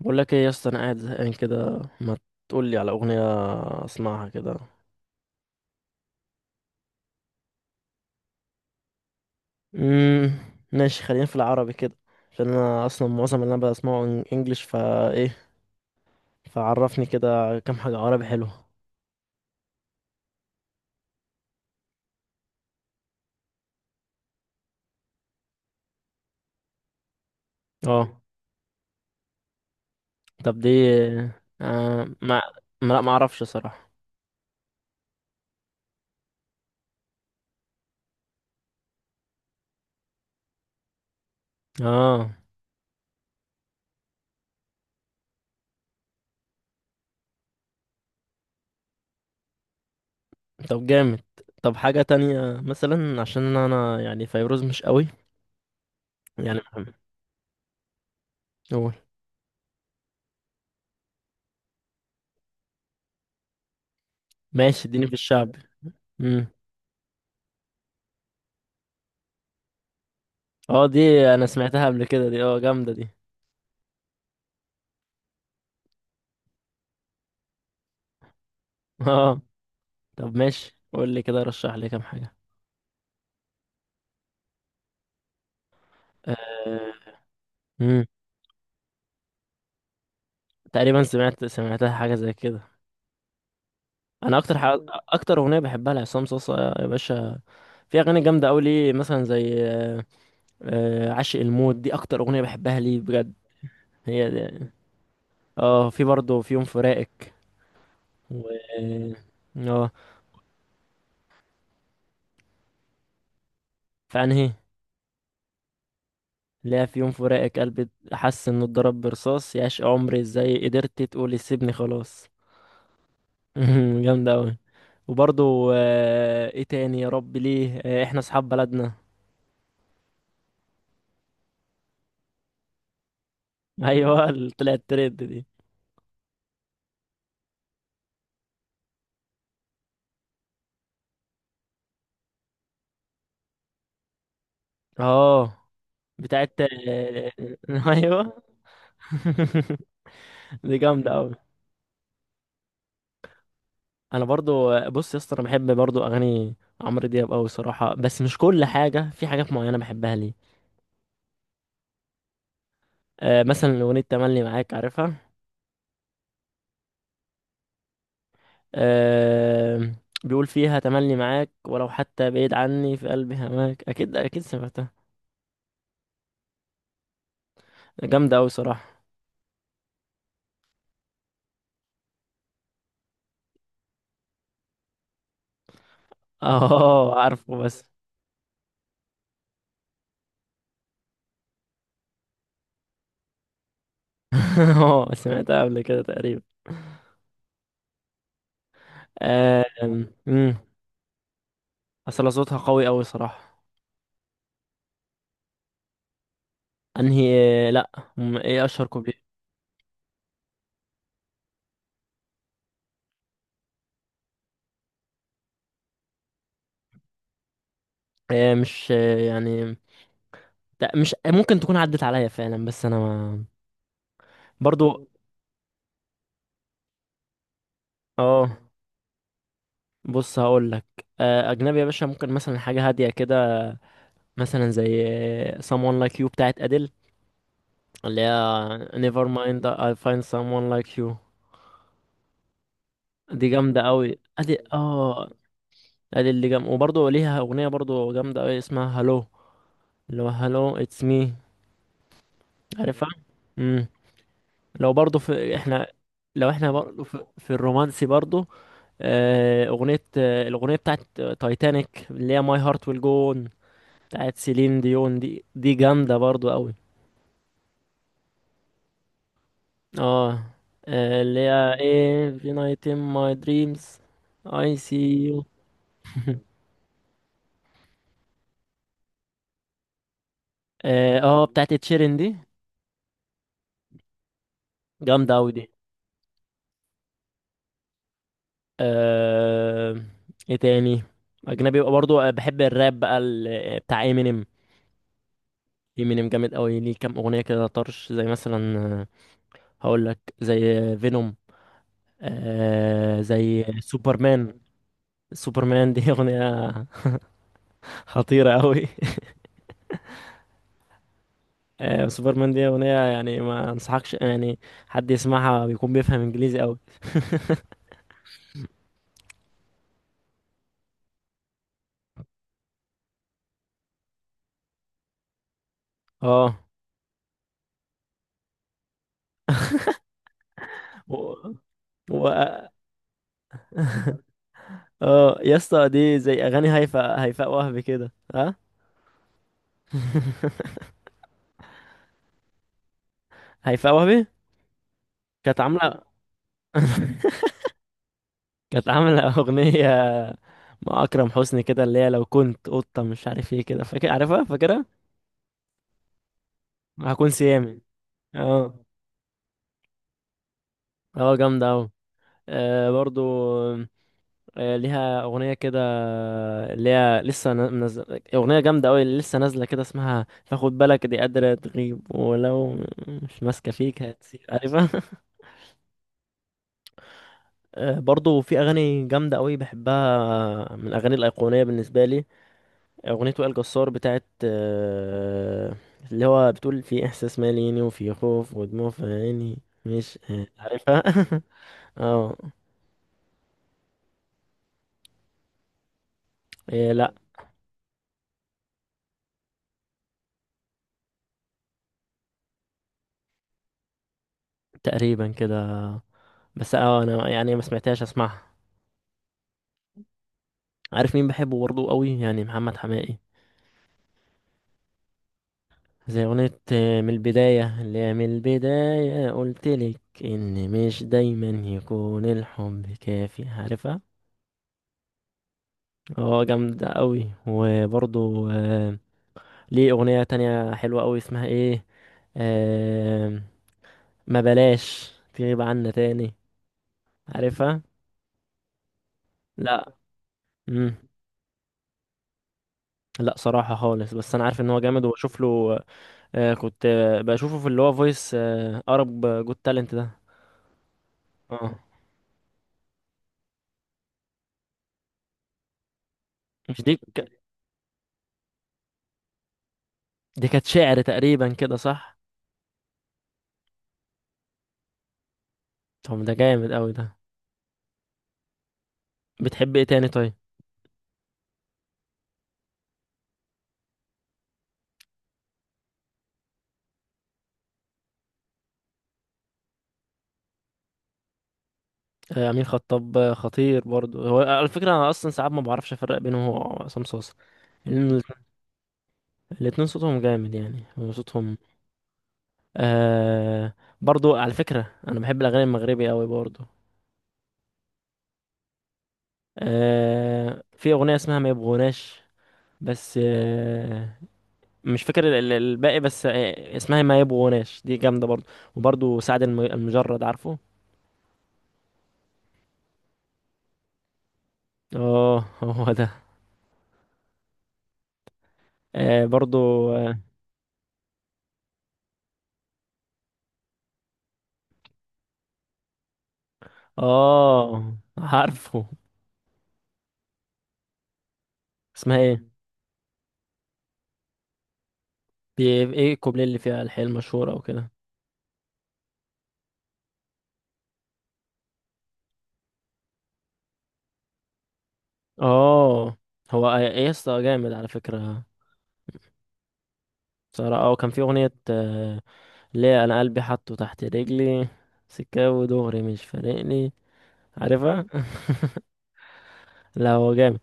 بقول لك ايه يا اسطى؟ انا قاعد زهقان كده، ما تقول لي على اغنيه اسمعها كده. امم ماشي، خلينا في العربي كده، عشان انا اصلا معظم اللي انا بسمعه انجليش، فا ايه؟ فعرفني كده كام حاجه عربي حلوه. اه، طب دي؟ آه ما ما لا، ما اعرفش صراحه. اه، طب جامد. طب حاجه تانية مثلا، عشان انا يعني فيروز مش قوي، يعني. مهم، قول. ماشي، اديني في الشعب. امم اه، دي. انا سمعتها قبل كده دي، اه، جامده دي. اه، طب ماشي، قول لي كده، رشح لي كام حاجة. أه... مم. تقريبا سمعتها حاجة زي كده. انا اكتر حاجة، اكتر اغنية بحبها لعصام صاصا يا باشا. في اغاني جامدة قوي ليه، مثلا زي آه، عاشق الموت. دي اكتر اغنية بحبها ليه بجد. هي دي. اه، في برضه في يوم فراقك. و اه في انهي؟ لا، في يوم فراقك قلبي حس انه اتضرب برصاص، يا عشق عمري ازاي قدرت تقولي سيبني خلاص. جامدة أوي. وبرضو، ايه تاني يا رب؟ ليه، احنا اصحاب بلدنا. ايوه، اللي طلعت ترند دي. اه، بتاعت ايوه. دي جامدة أوي. انا برضو، بص يا اسطى، انا بحب برضو اغاني عمرو دياب أوي صراحة، بس مش كل حاجة، في حاجات معينة بحبها ليه. مثلا اغنية تملي معاك، عارفها؟ آه، بيقول فيها تملي معاك ولو حتى بعيد عني في قلبي هماك. اكيد اكيد سمعتها. جامدة أوي صراحة. اه، عارفه، بس. اه، سمعتها قبل كده تقريبا. أم، مم. اصل صوتها قوي قوي صراحة. انهي؟ لا، ايه اشهر كوبليه؟ مش، يعني، لا، مش ممكن تكون عدت عليا فعلا، بس انا، ما. برضو، اه، بص هقول لك. اجنبي يا باشا، ممكن مثلا حاجة هادية كده، مثلا زي someone like you بتاعت اديل، اللي هي never mind I find someone like you. دي جامدة قوي ادي. اه، ادي اللي جم. وبرضه ليها اغنيه برضه جامده قوي، اسمها هالو، اللي هو هالو اتس مي، عارفها؟ امم لو برضه في احنا، لو احنا برضه في الرومانسي برضه، اغنيه، الاغنيه بتاعت تايتانيك، اللي هي ماي هارت ويل جو اون، بتاعت سيلين ديون. دي جامده برضه قوي. اه، اللي هي every night in my dreams I see you. اه، بتاعت تشيرين دي. جامده قوي دي. آه... ايه تاني؟ اجنبي بقى، برضو، بحب الراب بقى، بتاع امينيم. امينيم جامد قوي ليه، كام اغنيه كده طرش، زي مثلا هقول لك، زي فينوم، آه، زي سوبرمان. سوبرمان دي اغنيه خطيره قوي. آه، سوبرمان دي اغنيه يعني ما انصحكش يعني حد يسمعها بيكون بيفهم انجليزي قوي. اه. و... و... اه يا اسطى، دي زي اغاني هيفاء وهبي كده، ها؟ هيفاء وهبي كانت عاملة كانت عاملة أغنية مع أكرم حسني كده، اللي هي لو كنت قطة، مش عارف ايه كده، فاكر؟ عارفها، فاكرها؟ هكون سيامي. اه، اه، جامدة أوي. آه، برضو، ليها أغنية كده، اللي هي لسه منزل، أغنية جامدة أوي اللي لسه نازلة كده، اسمها فخد بالك. دي قادرة تغيب ولو مش ماسكة فيك هتسيب، عارفها؟ آه، برضو في أغاني جامدة أوي بحبها، من الأغاني الأيقونية بالنسبة لي، أغنية وائل جسار بتاعت اللي هو بتقول في إحساس ماليني، وفي خوف ودموع في عيني، مش، عارفها؟ اه. إيه، لأ، تقريبا كده، بس اه، أنا يعني ما سمعتهاش. أسمعها. عارف مين بحبه برضه قوي يعني؟ محمد حماقي، زي أغنية من البداية، اللي هي من البداية قلتلك إن مش دايما يكون الحب كافي، عارفها؟ اه، جامدة قوي. وبرضه ليه أغنية تانية حلوة أوي، اسمها إيه، آه... ما بلاش تغيب عنا تاني، عارفها؟ لا. مم. لا، صراحة خالص، بس أنا عارف إن هو جامد، وبشوف له. آه، كنت، بشوفه في اللي هو فويس، أرب جود تالنت ده. اه، مش دي دي كانت شعر تقريبا كده، صح؟ طب ده جامد أوي ده. بتحب إيه تاني طيب؟ آه، أمين خطاب، خطير برضو. هو على فكرة أنا أصلا ساعات ما بعرفش أفرق بينه وهو عصام صاصا، لأن الاتنين صوتهم جامد يعني، صوتهم. آه، برضو على فكرة أنا بحب الأغاني المغربي أوي برضو. آه، في أغنية اسمها ما يبغوناش، بس آه، مش فاكر الباقي، بس آه، اسمها ما يبغوناش، دي جامدة برضو. وبرضو سعد المجرد، عارفه؟ اه. هو ده. آه، برضو، اه، عارفه. اسمها ايه؟ ايه، الكوبليه اللي فيها الحيل المشهورة وكده؟ اه. هو ايه يا اسطى، جامد على فكرة. صراحة اه، كان في أغنية ليه انا قلبي حاطه تحت رجلي، سكاوي ودغري مش فارقني، عارفها؟ لا، هو جامد.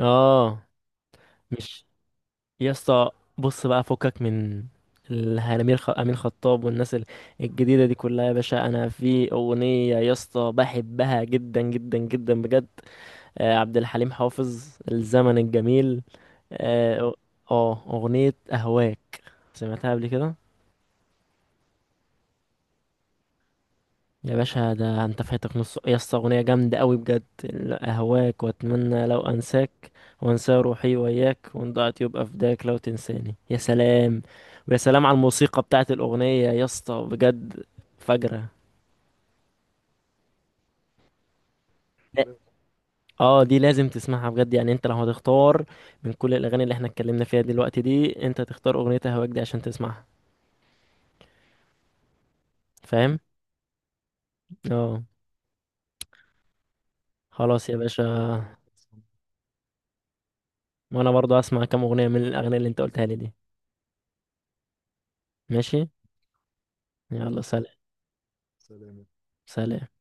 اه، مش، يا اسطى بص، بقى فكك من الامير امين خطاب والناس الجديده دي كلها يا باشا. انا في اغنيه يا اسطى بحبها جدا جدا جدا بجد، آه، عبد الحليم حافظ، الزمن الجميل. اه، آه، اغنيه اهواك، سمعتها قبل كده؟ يا باشا ده انت فاتك نص، يا اسطى اغنيه جامده قوي بجد. اهواك واتمنى لو انساك، وانسى روحي وياك، وان ضاعت يبقى فداك، لو تنساني، يا سلام. ويا سلام على الموسيقى بتاعت الاغنيه يا اسطى، بجد فجره. لا، اه، دي لازم تسمعها بجد. يعني انت لو هتختار من كل الاغاني اللي احنا اتكلمنا فيها دلوقتي دي، انت تختار اغنيه اهواك دي عشان تسمعها، فاهم؟ اه، خلاص يا باشا. وانا برضو هسمع كام اغنيه من الاغاني اللي انت قلتها لي دي. ماشي. يلا، سلام. سلام. سلام.